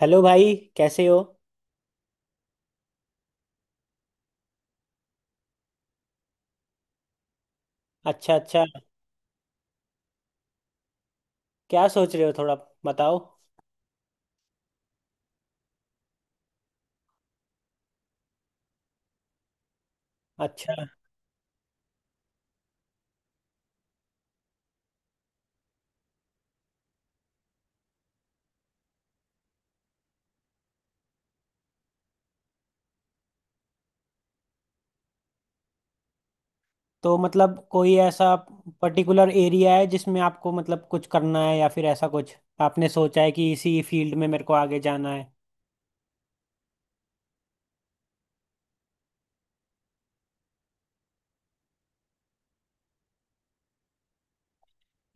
Hello भाई, कैसे हो? अच्छा, अच्छा। क्या सोच रहे हो? थोड़ा बताओ। अच्छा। तो मतलब कोई ऐसा पर्टिकुलर एरिया है जिसमें आपको मतलब कुछ करना है, या फिर ऐसा कुछ आपने सोचा है कि इसी फील्ड में मेरे को आगे जाना है?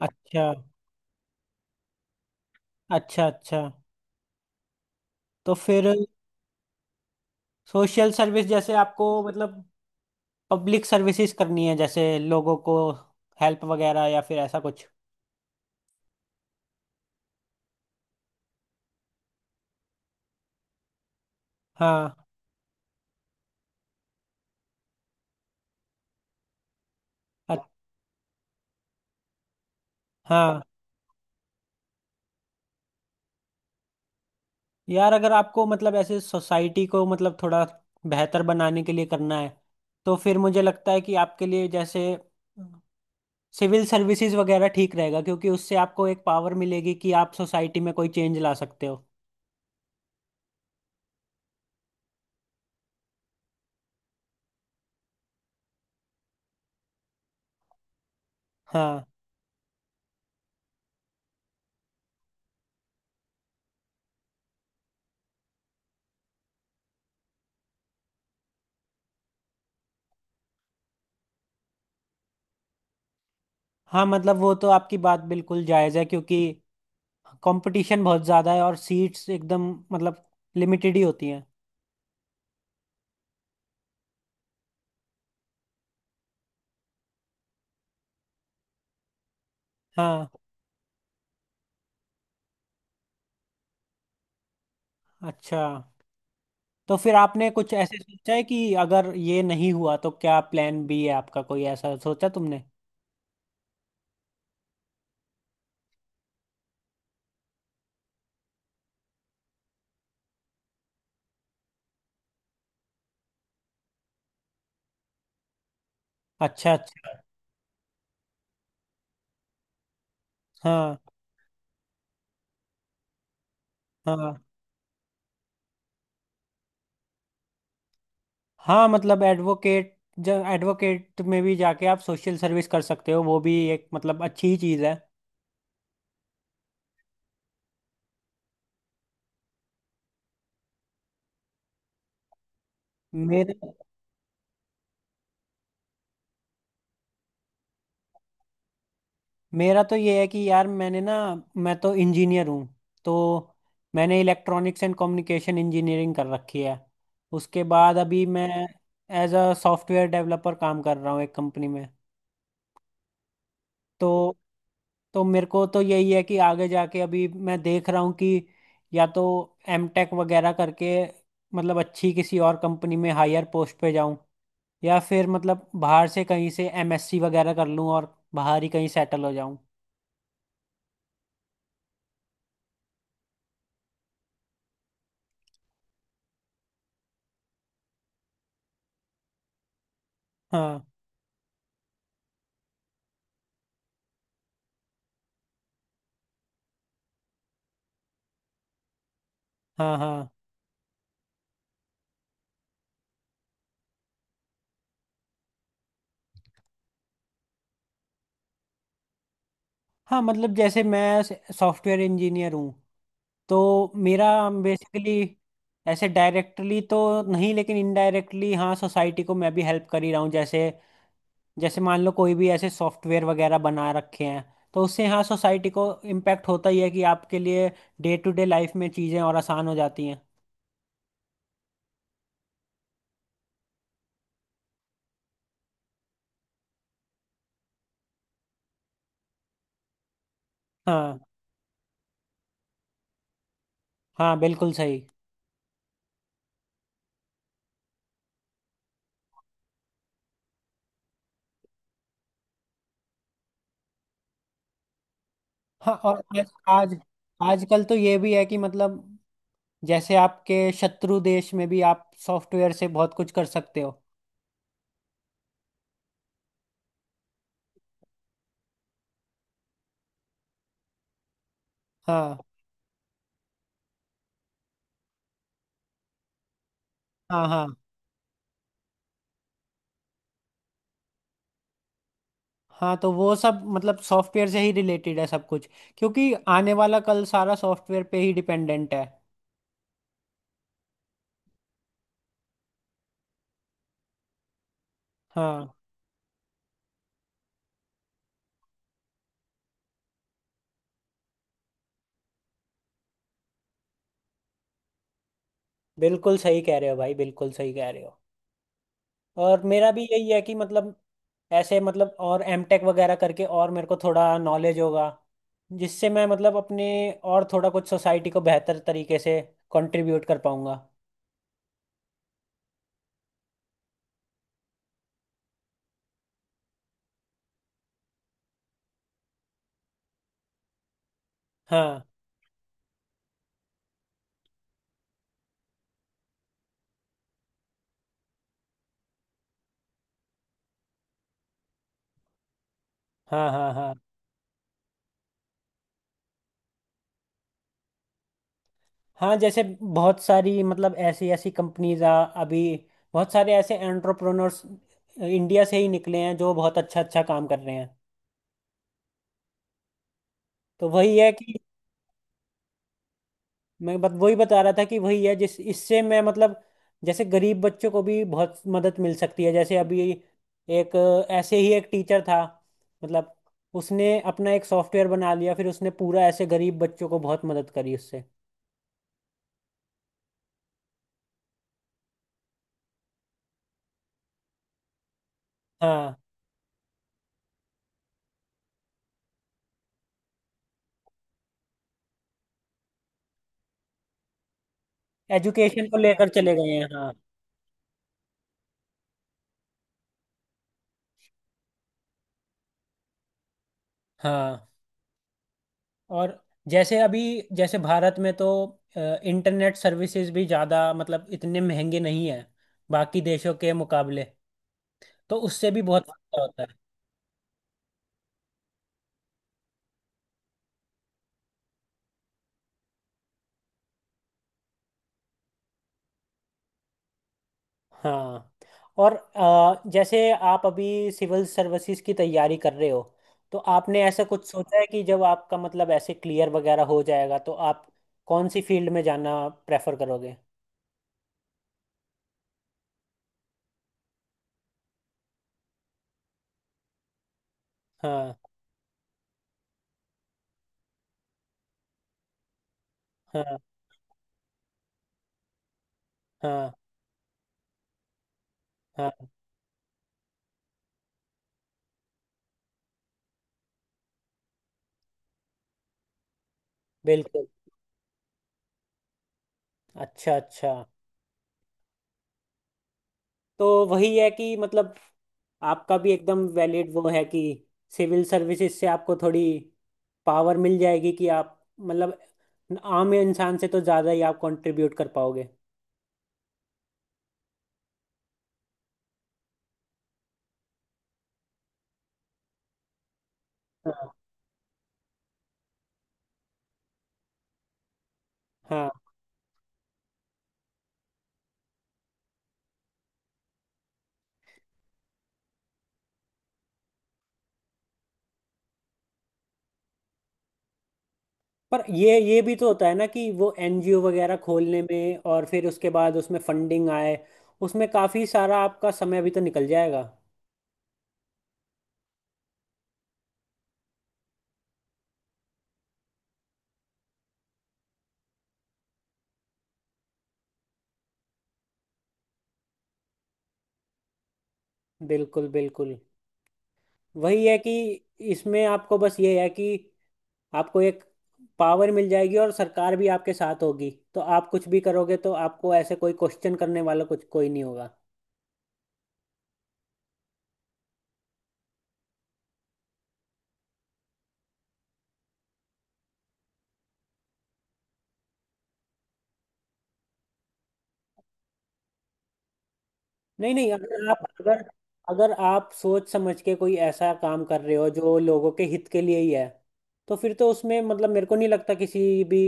अच्छा, अच्छा, अच्छा। तो फिर। सोशल सर्विस, जैसे आपको मतलब पब्लिक सर्विसेज करनी है जैसे लोगों को हेल्प वगैरह, या फिर ऐसा कुछ? हाँ। अ- हाँ। यार, अगर आपको मतलब ऐसे सोसाइटी को मतलब थोड़ा बेहतर बनाने के लिए करना है तो फिर मुझे लगता है कि आपके लिए जैसे सिविल सर्विसेज वगैरह ठीक रहेगा, क्योंकि उससे आपको एक पावर मिलेगी कि आप सोसाइटी में कोई चेंज ला सकते हो। हाँ, हाँ, मतलब वो तो आपकी बात बिल्कुल जायज़ है, क्योंकि कंपटीशन बहुत ज़्यादा है और सीट्स एकदम मतलब लिमिटेड ही होती हैं। हाँ। अच्छा। तो फिर आपने कुछ ऐसे सोचा है कि अगर ये नहीं हुआ तो क्या प्लान बी है आपका? कोई ऐसा सोचा तुमने? अच्छा, अच्छा। हाँ, हाँ, हाँ, मतलब एडवोकेट, जब एडवोकेट में भी जाके आप सोशल सर्विस कर सकते हो वो भी एक मतलब अच्छी ही चीज़ है। मेरा मेरा तो ये है कि यार, मैंने ना, मैं तो इंजीनियर हूँ। तो मैंने इलेक्ट्रॉनिक्स एंड कम्युनिकेशन इंजीनियरिंग कर रखी है। उसके बाद अभी मैं एज अ सॉफ्टवेयर डेवलपर काम कर रहा हूँ एक कंपनी में। तो तो मेरे को तो यही है कि आगे जाके अभी मैं देख रहा हूँ कि या तो एम टेक वगैरह करके मतलब अच्छी किसी और कंपनी में हायर पोस्ट पे जाऊँ, या फिर मतलब बाहर से कहीं से एमएससी वगैरह कर लूँ और बाहर ही कहीं सेटल हो जाऊँ। हाँ, हाँ, हाँ, हाँ, मतलब जैसे मैं सॉफ्टवेयर इंजीनियर हूँ, तो मेरा बेसिकली ऐसे डायरेक्टली तो नहीं, लेकिन इनडायरेक्टली हाँ सोसाइटी को मैं भी हेल्प कर ही रहा हूँ। जैसे जैसे मान लो कोई भी ऐसे सॉफ्टवेयर वगैरह बना रखे हैं, तो उससे हाँ सोसाइटी को इम्पैक्ट होता ही है कि आपके लिए डे टू डे लाइफ में चीज़ें और आसान हो जाती हैं। हाँ, हाँ, बिल्कुल सही। हाँ, और आज आज आजकल तो ये भी है कि मतलब जैसे आपके शत्रु देश में भी आप सॉफ्टवेयर से बहुत कुछ कर सकते हो। हाँ, हाँ, हाँ, हाँ, तो वो सब मतलब सॉफ्टवेयर से ही रिलेटेड है सब कुछ, क्योंकि आने वाला कल सारा सॉफ्टवेयर पे ही डिपेंडेंट है। हाँ, बिल्कुल सही कह रहे हो भाई, बिल्कुल सही कह रहे हो। और मेरा भी यही है कि मतलब ऐसे मतलब और एमटेक वगैरह करके और मेरे को थोड़ा नॉलेज होगा, जिससे मैं मतलब अपने और थोड़ा कुछ सोसाइटी को बेहतर तरीके से कंट्रीब्यूट कर पाऊंगा। हाँ, हाँ, हाँ, हाँ, हाँ, जैसे बहुत सारी मतलब ऐसी ऐसी कंपनीज आ अभी बहुत सारे ऐसे एंटरप्रेन्योर्स इंडिया से ही निकले हैं जो बहुत अच्छा अच्छा काम कर रहे हैं। तो वही है कि मैं बत वही बता रहा था कि वही है जिस इससे मैं मतलब जैसे गरीब बच्चों को भी बहुत मदद मिल सकती है, जैसे अभी ऐसे ही एक टीचर था, मतलब उसने अपना एक सॉफ्टवेयर बना लिया फिर उसने पूरा ऐसे गरीब बच्चों को बहुत मदद करी उससे। हाँ, एजुकेशन को लेकर चले गए हैं, हाँ। हाँ, और जैसे अभी जैसे भारत में तो इंटरनेट सर्विसेज भी ज़्यादा मतलब इतने महंगे नहीं है बाकी देशों के मुकाबले, तो उससे भी बहुत फायदा होता है। हाँ, और जैसे आप अभी सिविल सर्विसेज की तैयारी कर रहे हो, तो आपने ऐसा कुछ सोचा है कि जब आपका मतलब ऐसे क्लियर वगैरह हो जाएगा तो आप कौन सी फील्ड में जाना प्रेफर करोगे? हाँ, हाँ, हाँ, हाँ, बिल्कुल। अच्छा, अच्छा। तो वही है कि मतलब आपका भी एकदम वैलिड वो है कि सिविल सर्विसेज से आपको थोड़ी पावर मिल जाएगी कि आप मतलब आम इंसान से तो ज़्यादा ही आप कंट्रीब्यूट कर पाओगे। हाँ, हाँ। पर ये भी तो होता है ना कि वो एनजीओ वगैरह खोलने में और फिर उसके बाद उसमें फंडिंग आए, उसमें काफी सारा आपका समय भी तो निकल जाएगा। बिल्कुल, बिल्कुल। वही है कि इसमें आपको बस ये है कि आपको एक पावर मिल जाएगी और सरकार भी आपके साथ होगी तो आप कुछ भी करोगे तो आपको ऐसे कोई क्वेश्चन करने वाला कुछ कोई नहीं होगा। नहीं, नहीं, अगर आप सोच समझ के कोई ऐसा काम कर रहे हो जो लोगों के हित के लिए ही है तो फिर तो उसमें मतलब मेरे को नहीं लगता किसी भी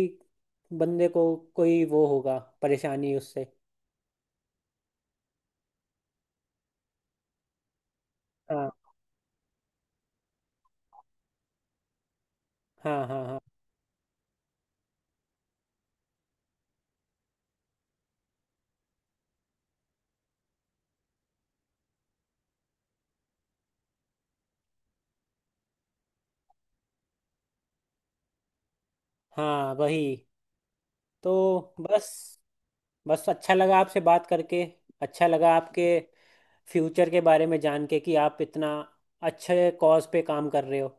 बंदे को कोई वो होगा परेशानी उससे। हाँ, हाँ, हाँ, हाँ, हाँ, वही, तो बस। बस अच्छा लगा आपसे बात करके, अच्छा लगा आपके फ्यूचर के बारे में जान के कि आप इतना अच्छे कॉज पे काम कर रहे हो।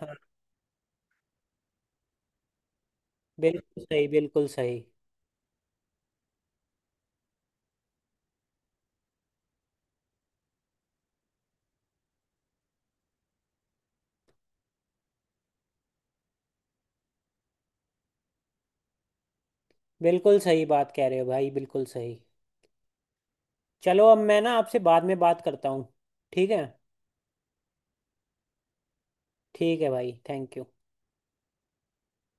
हाँ, बिल्कुल सही, बिल्कुल सही। बिल्कुल सही बात कह रहे हो भाई, बिल्कुल सही। चलो, अब मैं ना आपसे बाद में बात करता हूँ। ठीक है? ठीक है भाई, थैंक यू।